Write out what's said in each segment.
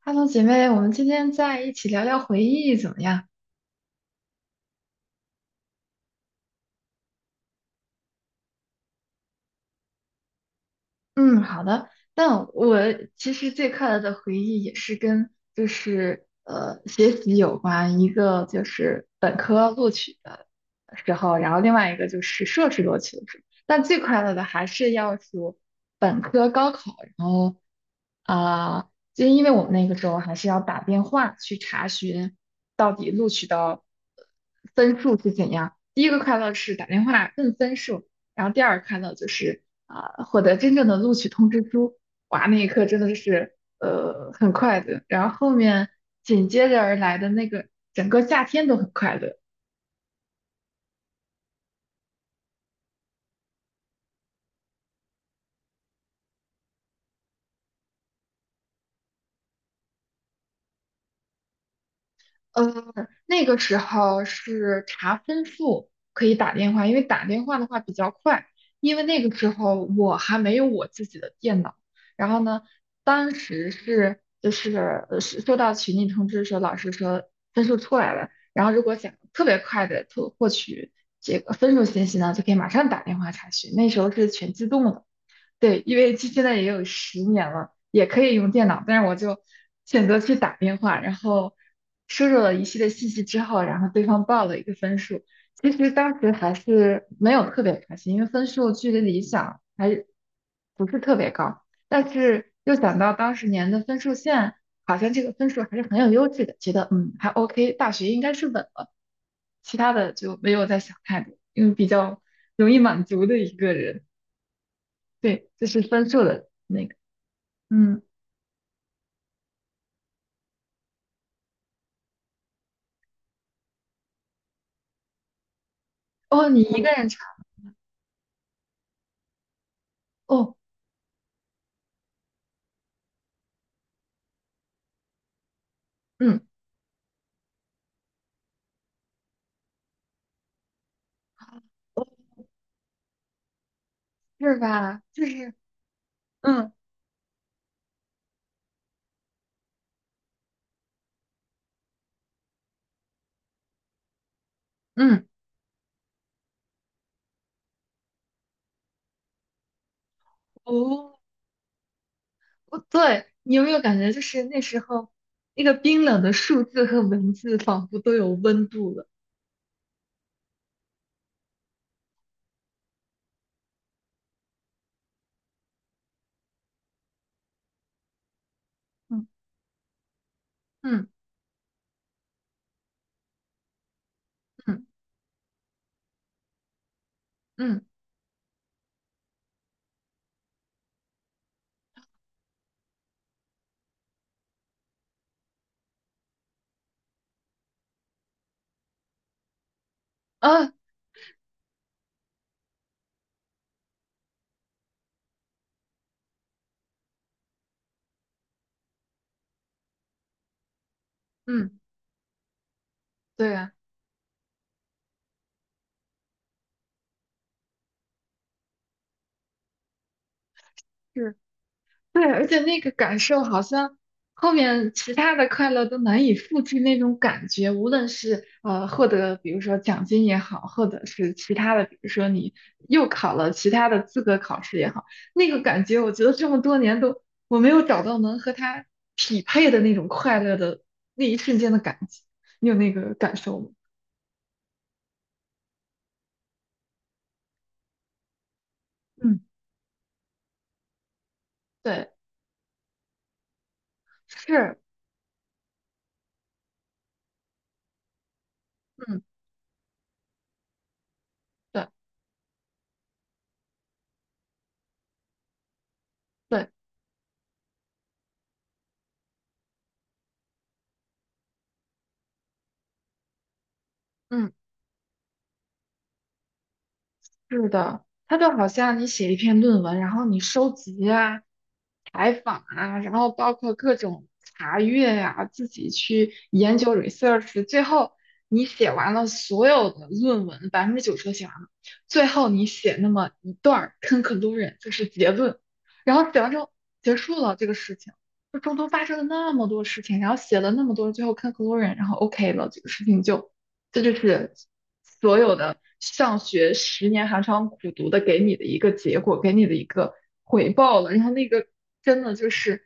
哈喽，姐妹，我们今天在一起聊聊回忆怎么样？嗯，好的。但我其实最快乐的回忆也是跟就是学习有关，一个就是本科录取的时候，然后另外一个就是硕士录取的时候。但最快乐的还是要数本科高考，然后就因为我们那个时候还是要打电话去查询到底录取到呃分数是怎样。第一个快乐是打电话问分数，然后第二个快乐就是，获得真正的录取通知书。哇，那一刻真的是很快乐，然后后面紧接着而来的那个整个夏天都很快乐。呃，那个时候是查分数可以打电话，因为打电话的话比较快。因为那个时候我还没有我自己的电脑，然后呢，当时是是收到群里通知说老师说分数出来了，然后如果想特别快的获取这个分数信息呢，就可以马上打电话查询。那时候是全自动的。对，因为这现在也有10年了，也可以用电脑，但是我就选择去打电话，然后输入了一系列信息之后，然后对方报了一个分数。其实当时还是没有特别开心，因为分数距离理想还是不是特别高，但是又想到当时年的分数线，好像这个分数还是很有优势的，觉得还 OK，大学应该是稳了。其他的就没有再想太多，因为比较容易满足的一个人。对，就是分数的那个，嗯，哦，你一个人唱，哦，嗯，是吧？就是，嗯嗯，哦，哦对，你有没有感觉就是那时候那个冰冷的数字和文字仿佛都有温度了？嗯嗯嗯嗯啊，嗯，对啊，是对，而且那个感受好像后面其他的快乐都难以复制那种感觉，无论是获得比如说奖金也好，或者是其他的，比如说你又考了其他的资格考试也好，那个感觉我觉得这么多年都我没有找到能和它匹配的那种快乐的那一瞬间的感觉，你有那个感受吗？嗯，对，是，嗯，对对，嗯。是的，它就好像你写一篇论文，然后你收集啊、采访啊，然后包括各种查阅呀、自己去研究 research，最后你写完了所有的论文，90%都写完了，最后你写那么一段儿 conclusion，就是结论，然后写完之后结束了这个事情，就中途发生了那么多事情，然后写了那么多，最后 conclusion，然后 OK 了，这个事情就这就是所有的上学十年寒窗苦读的给你的一个结果，给你的一个回报了。然后那个真的就是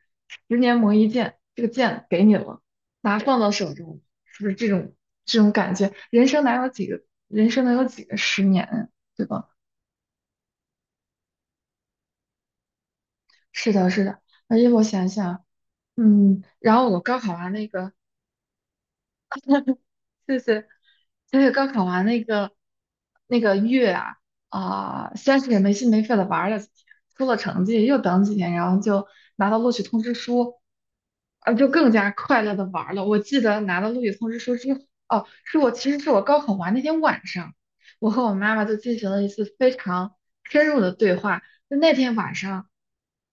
十年磨一剑，这个剑给你了，拿放到手中，是不是这种感觉？人生能有几个十年，对吧？是的，是的。而且我想想，嗯，然后我高考完那个。谢谢。而且高考完那个月啊，先是没心没肺的玩了几天，出了成绩又等几天，然后就拿到录取通知书，啊，就更加快乐的玩了。我记得拿到录取通知书之后，哦，是我其实是我高考完那天晚上，我和我妈妈就进行了一次非常深入的对话。就那天晚上，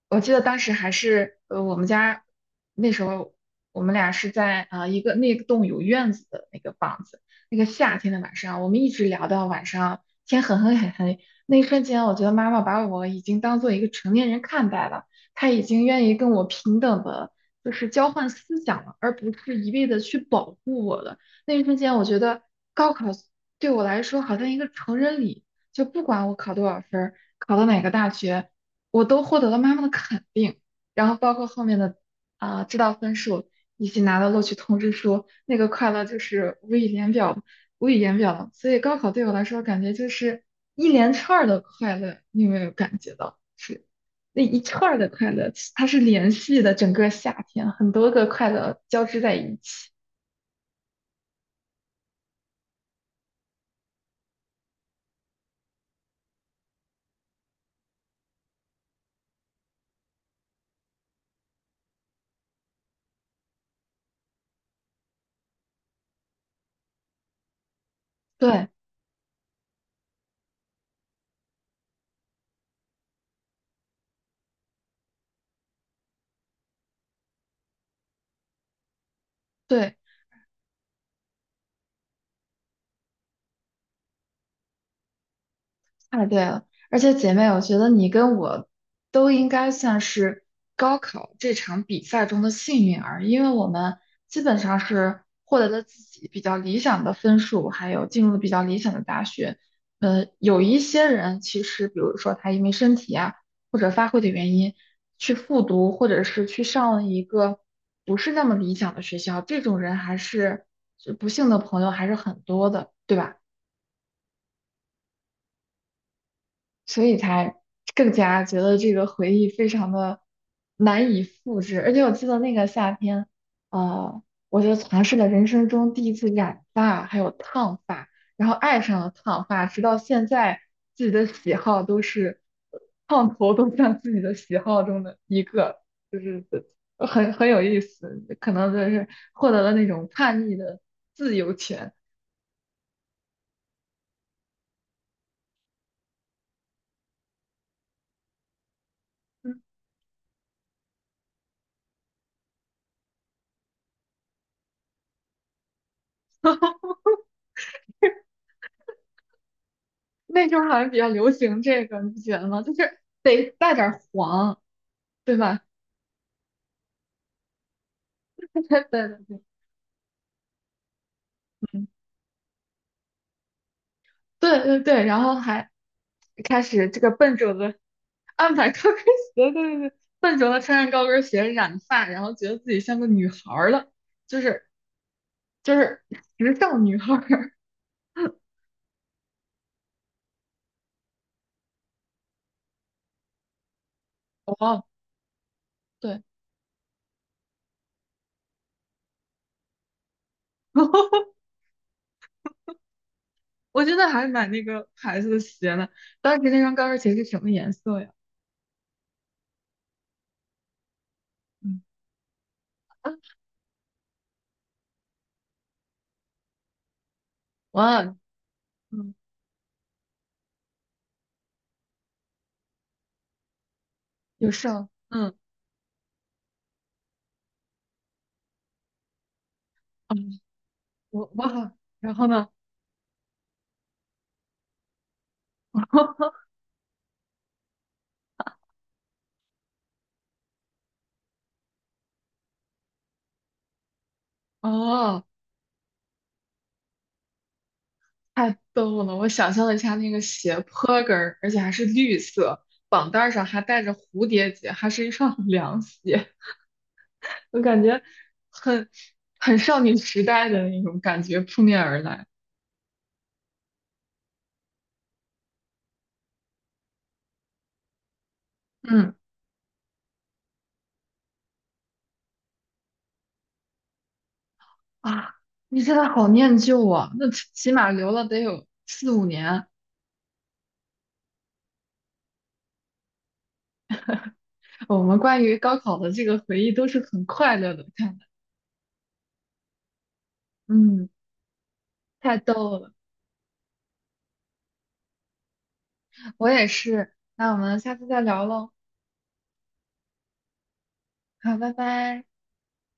我记得当时还是我们家那时候我们俩是在一个那栋有院子的那个房子，那个夏天的晚上，我们一直聊到晚上天很黑很黑。那一瞬间，我觉得妈妈把我已经当做一个成年人看待了，她已经愿意跟我平等的，就是交换思想了，而不是一味的去保护我了。那一瞬间，我觉得高考对我来说好像一个成人礼。就不管我考多少分儿，考到哪个大学，我都获得了妈妈的肯定。然后包括后面的知道分数，以及拿到录取通知书，那个快乐就是无以言表，无以言表了所以高考对我来说，感觉就是一连串儿的快乐，你有没有感觉到？是那一串儿的快乐，它是连续的，整个夏天很多个快乐交织在一起。对对。太对了，而且姐妹，我觉得你跟我都应该算是高考这场比赛中的幸运儿，因为我们基本上是获得了自己比较理想的分数，还有进入了比较理想的大学。有一些人其实，比如说他因为身体啊或者发挥的原因，去复读或者是去上了一个不是那么理想的学校，这种人还是就不幸的朋友还是很多的，对吧？所以才更加觉得这个回忆非常的难以复制。而且我记得那个夏天，呃，我就尝试了人生中第一次染发，还有烫发，然后爱上了烫发，直到现在自己的喜好都是呃烫头，都像自己的喜好中的一个，就是很有意思，可能就是获得了那种叛逆的自由权。嗯那时候好像比较流行这个，你不觉得吗？就是得带点儿黄，对吧？对对对，嗯，对对对，然后还开始这个笨拙的安排高跟鞋，对对对，笨拙的穿上高跟鞋染发，然后觉得自己像个女孩儿了，就是就是时尚女孩儿。哦，对，我真的还买那个牌子的鞋呢。当时那双高跟鞋是什么颜色呀？嗯哇哦，嗯，有事儿，嗯，嗯我哇，然后呢？哦，太逗了！我想象了一下那个斜坡跟儿，而且还是绿色，绑带儿上还带着蝴蝶结，还是一双 凉鞋，我感觉很少女时代的那种感觉扑面而来。嗯啊，你现在好念旧啊，那起码留了得有4、5年。我们关于高考的这个回忆都是很快乐的，看来，嗯，太逗了，我也是。那我们下次再聊喽。好，拜拜。